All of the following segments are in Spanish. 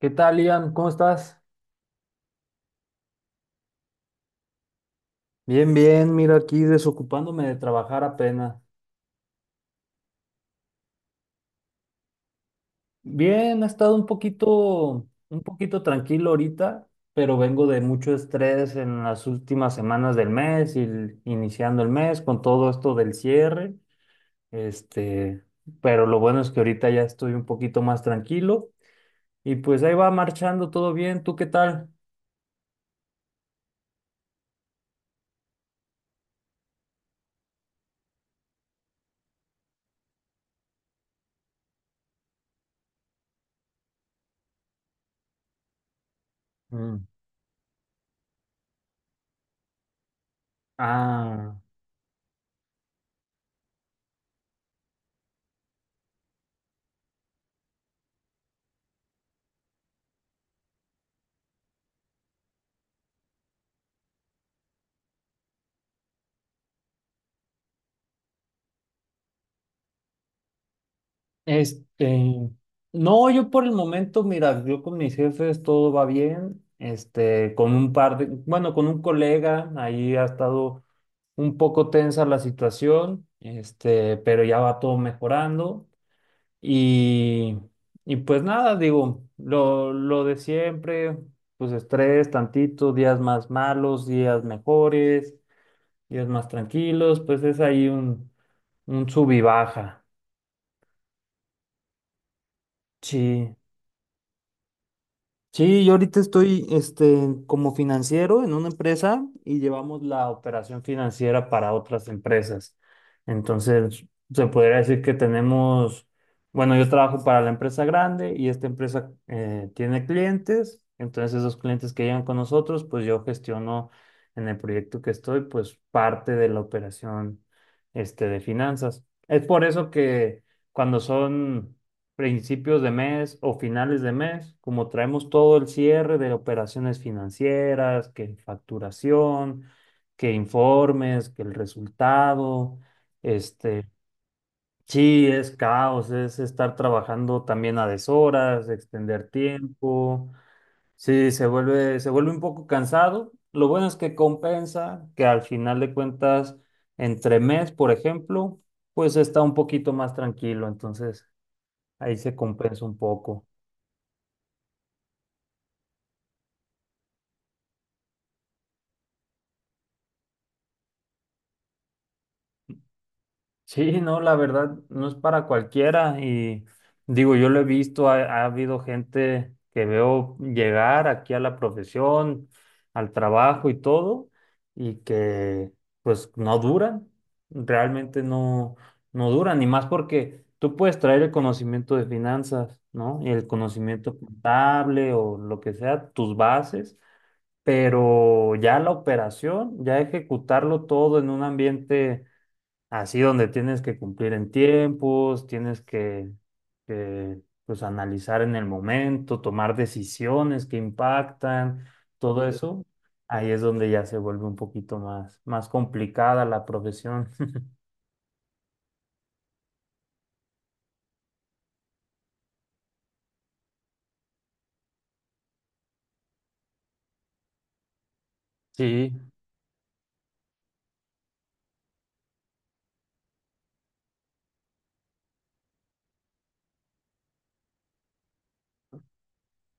¿Qué tal, Ian? ¿Cómo estás? Bien, bien, mira aquí desocupándome de trabajar apenas. Bien, ha estado un poquito tranquilo ahorita, pero vengo de mucho estrés en las últimas semanas del mes y iniciando el mes con todo esto del cierre. Este, pero lo bueno es que ahorita ya estoy un poquito más tranquilo y pues ahí va marchando todo bien. ¿Tú qué tal? Mm. Ah. Este, no, yo por el momento, mira, yo con mis jefes todo va bien. Este, con un par de, bueno, con un colega, ahí ha estado un poco tensa la situación, este, pero ya va todo mejorando. Y, y pues nada, digo, lo de siempre, pues estrés, tantito, días más malos, días mejores, días más tranquilos, pues es ahí un sub y baja. Sí. Sí, yo ahorita estoy este, como financiero en una empresa y llevamos la operación financiera para otras empresas. Entonces, se podría decir que tenemos, bueno, yo trabajo para la empresa grande y esta empresa tiene clientes. Entonces, esos clientes que llegan con nosotros, pues yo gestiono en el proyecto que estoy, pues parte de la operación este, de finanzas. Es por eso que cuando son principios de mes o finales de mes, como traemos todo el cierre de operaciones financieras, que facturación, que informes, que el resultado, este, sí, es caos, es estar trabajando también a deshoras, extender tiempo, sí, se vuelve un poco cansado. Lo bueno es que compensa, que al final de cuentas, entre mes, por ejemplo, pues está un poquito más tranquilo, entonces ahí se compensa un poco. Sí, no, la verdad no es para cualquiera y digo, yo lo he visto, ha habido gente que veo llegar aquí a la profesión, al trabajo y todo, y que pues no duran, realmente no, no duran, y más porque tú puedes traer el conocimiento de finanzas, ¿no? Y el conocimiento contable o lo que sea, tus bases, pero ya la operación, ya ejecutarlo todo en un ambiente así donde tienes que cumplir en tiempos, pues analizar en el momento, tomar decisiones que impactan todo. Ujú. Eso, ahí es donde ya se vuelve un poquito más, más complicada la profesión. Sí,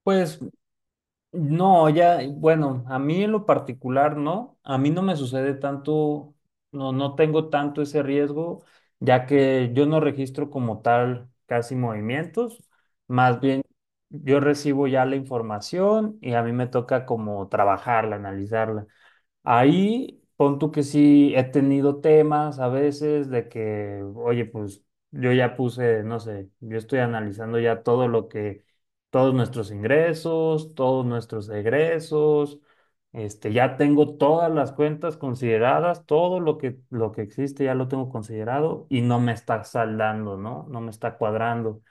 pues no, ya, bueno, a mí en lo particular no, a mí no me sucede tanto, no, no tengo tanto ese riesgo, ya que yo no registro como tal casi movimientos, más bien yo recibo ya la información y a mí me toca como trabajarla, analizarla. Ahí pon tú que sí he tenido temas a veces de que, oye, pues yo ya puse, no sé, yo estoy analizando ya todos nuestros ingresos, todos nuestros egresos, este, ya tengo todas las cuentas consideradas, lo que existe ya lo tengo considerado y no me está saldando, ¿no? No me está cuadrando.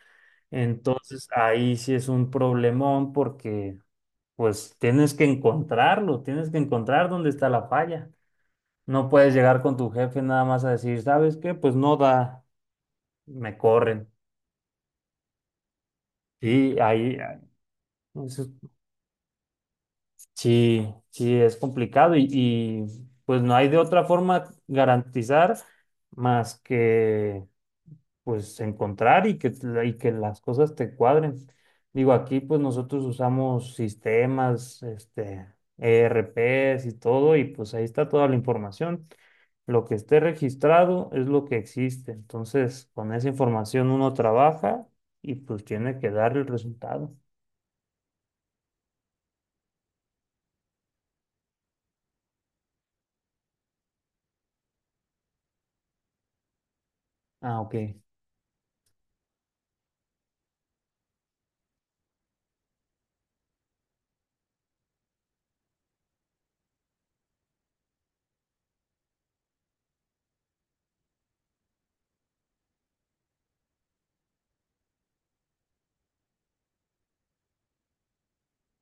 Entonces ahí sí es un problemón porque pues tienes que encontrarlo, tienes que encontrar dónde está la falla. No puedes llegar con tu jefe nada más a decir, ¿sabes qué? Pues no da, me corren. Sí, ahí, ah, eso- sí, sí, es complicado pues no hay de otra forma garantizar más que pues encontrar y que las cosas te cuadren. Digo, aquí pues nosotros usamos sistemas, este, ERPs y todo, y pues ahí está toda la información. Lo que esté registrado es lo que existe. Entonces, con esa información uno trabaja y pues tiene que dar el resultado. Ah, ok.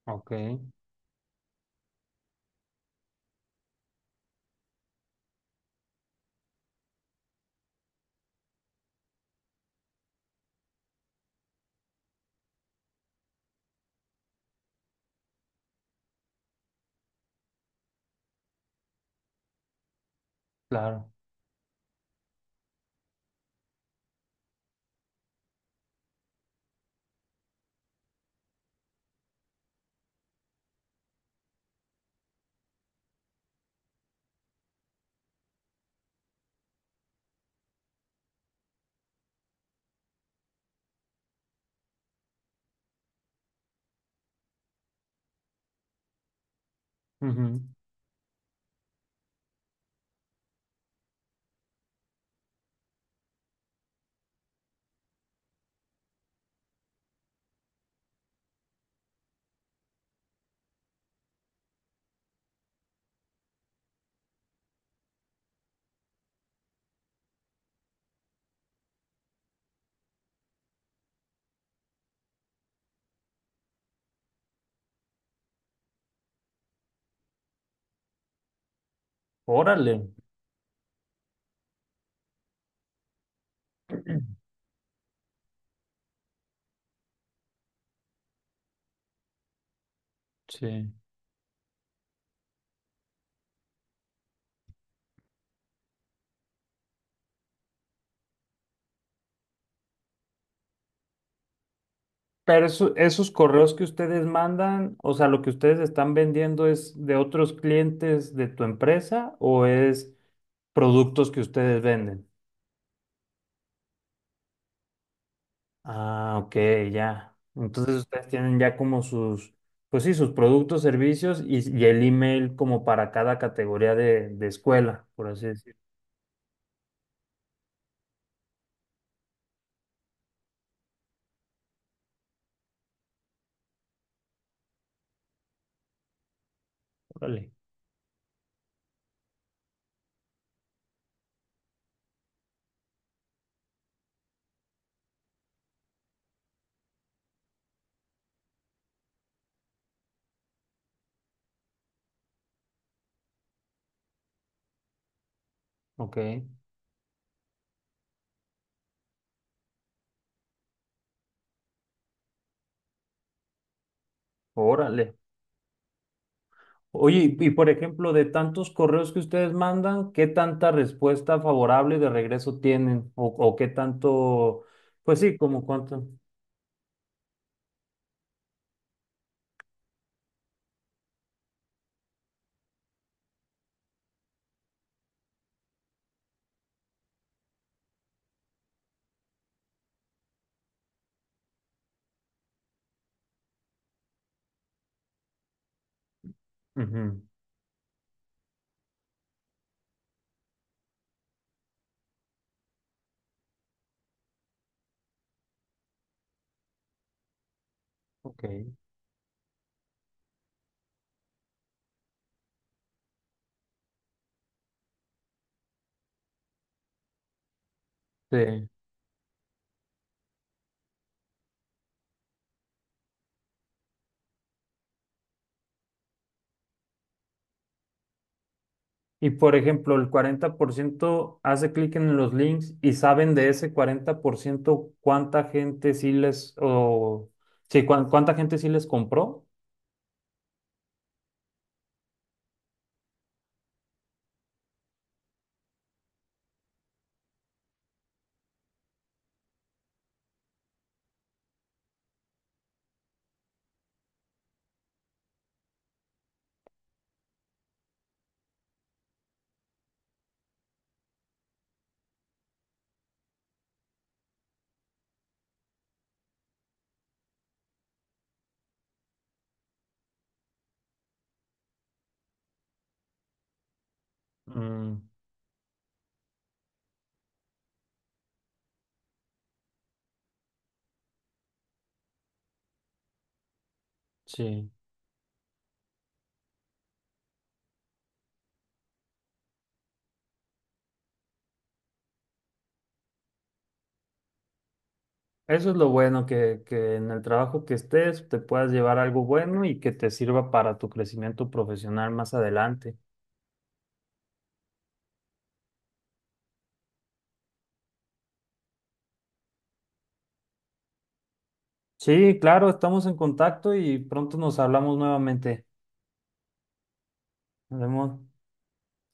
Ok, claro. Ujú. Órale. Sí. Pero esos correos que ustedes mandan, o sea, lo que ustedes están vendiendo es de otros clientes de tu empresa o es productos que ustedes venden. Ah, ok, ya. Entonces ustedes tienen ya como sus, pues sí, sus productos, servicios y el email como para cada categoría de escuela, por así decirlo. Órale. Ok, órale. Oye, y por ejemplo, de tantos correos que ustedes mandan, ¿qué tanta respuesta favorable de regreso tienen? O qué tanto, pues sí, como cuánto. Ujú. Ok, sí. Y por ejemplo, el 40% hace clic en los links y saben de ese 40% cuánta gente sí les, o sí, cuánta gente sí les compró. Mm, sí. Eso es lo bueno, que en el trabajo que estés te puedas llevar algo bueno y que te sirva para tu crecimiento profesional más adelante. Sí, claro, estamos en contacto y pronto nos hablamos nuevamente. Nos vemos.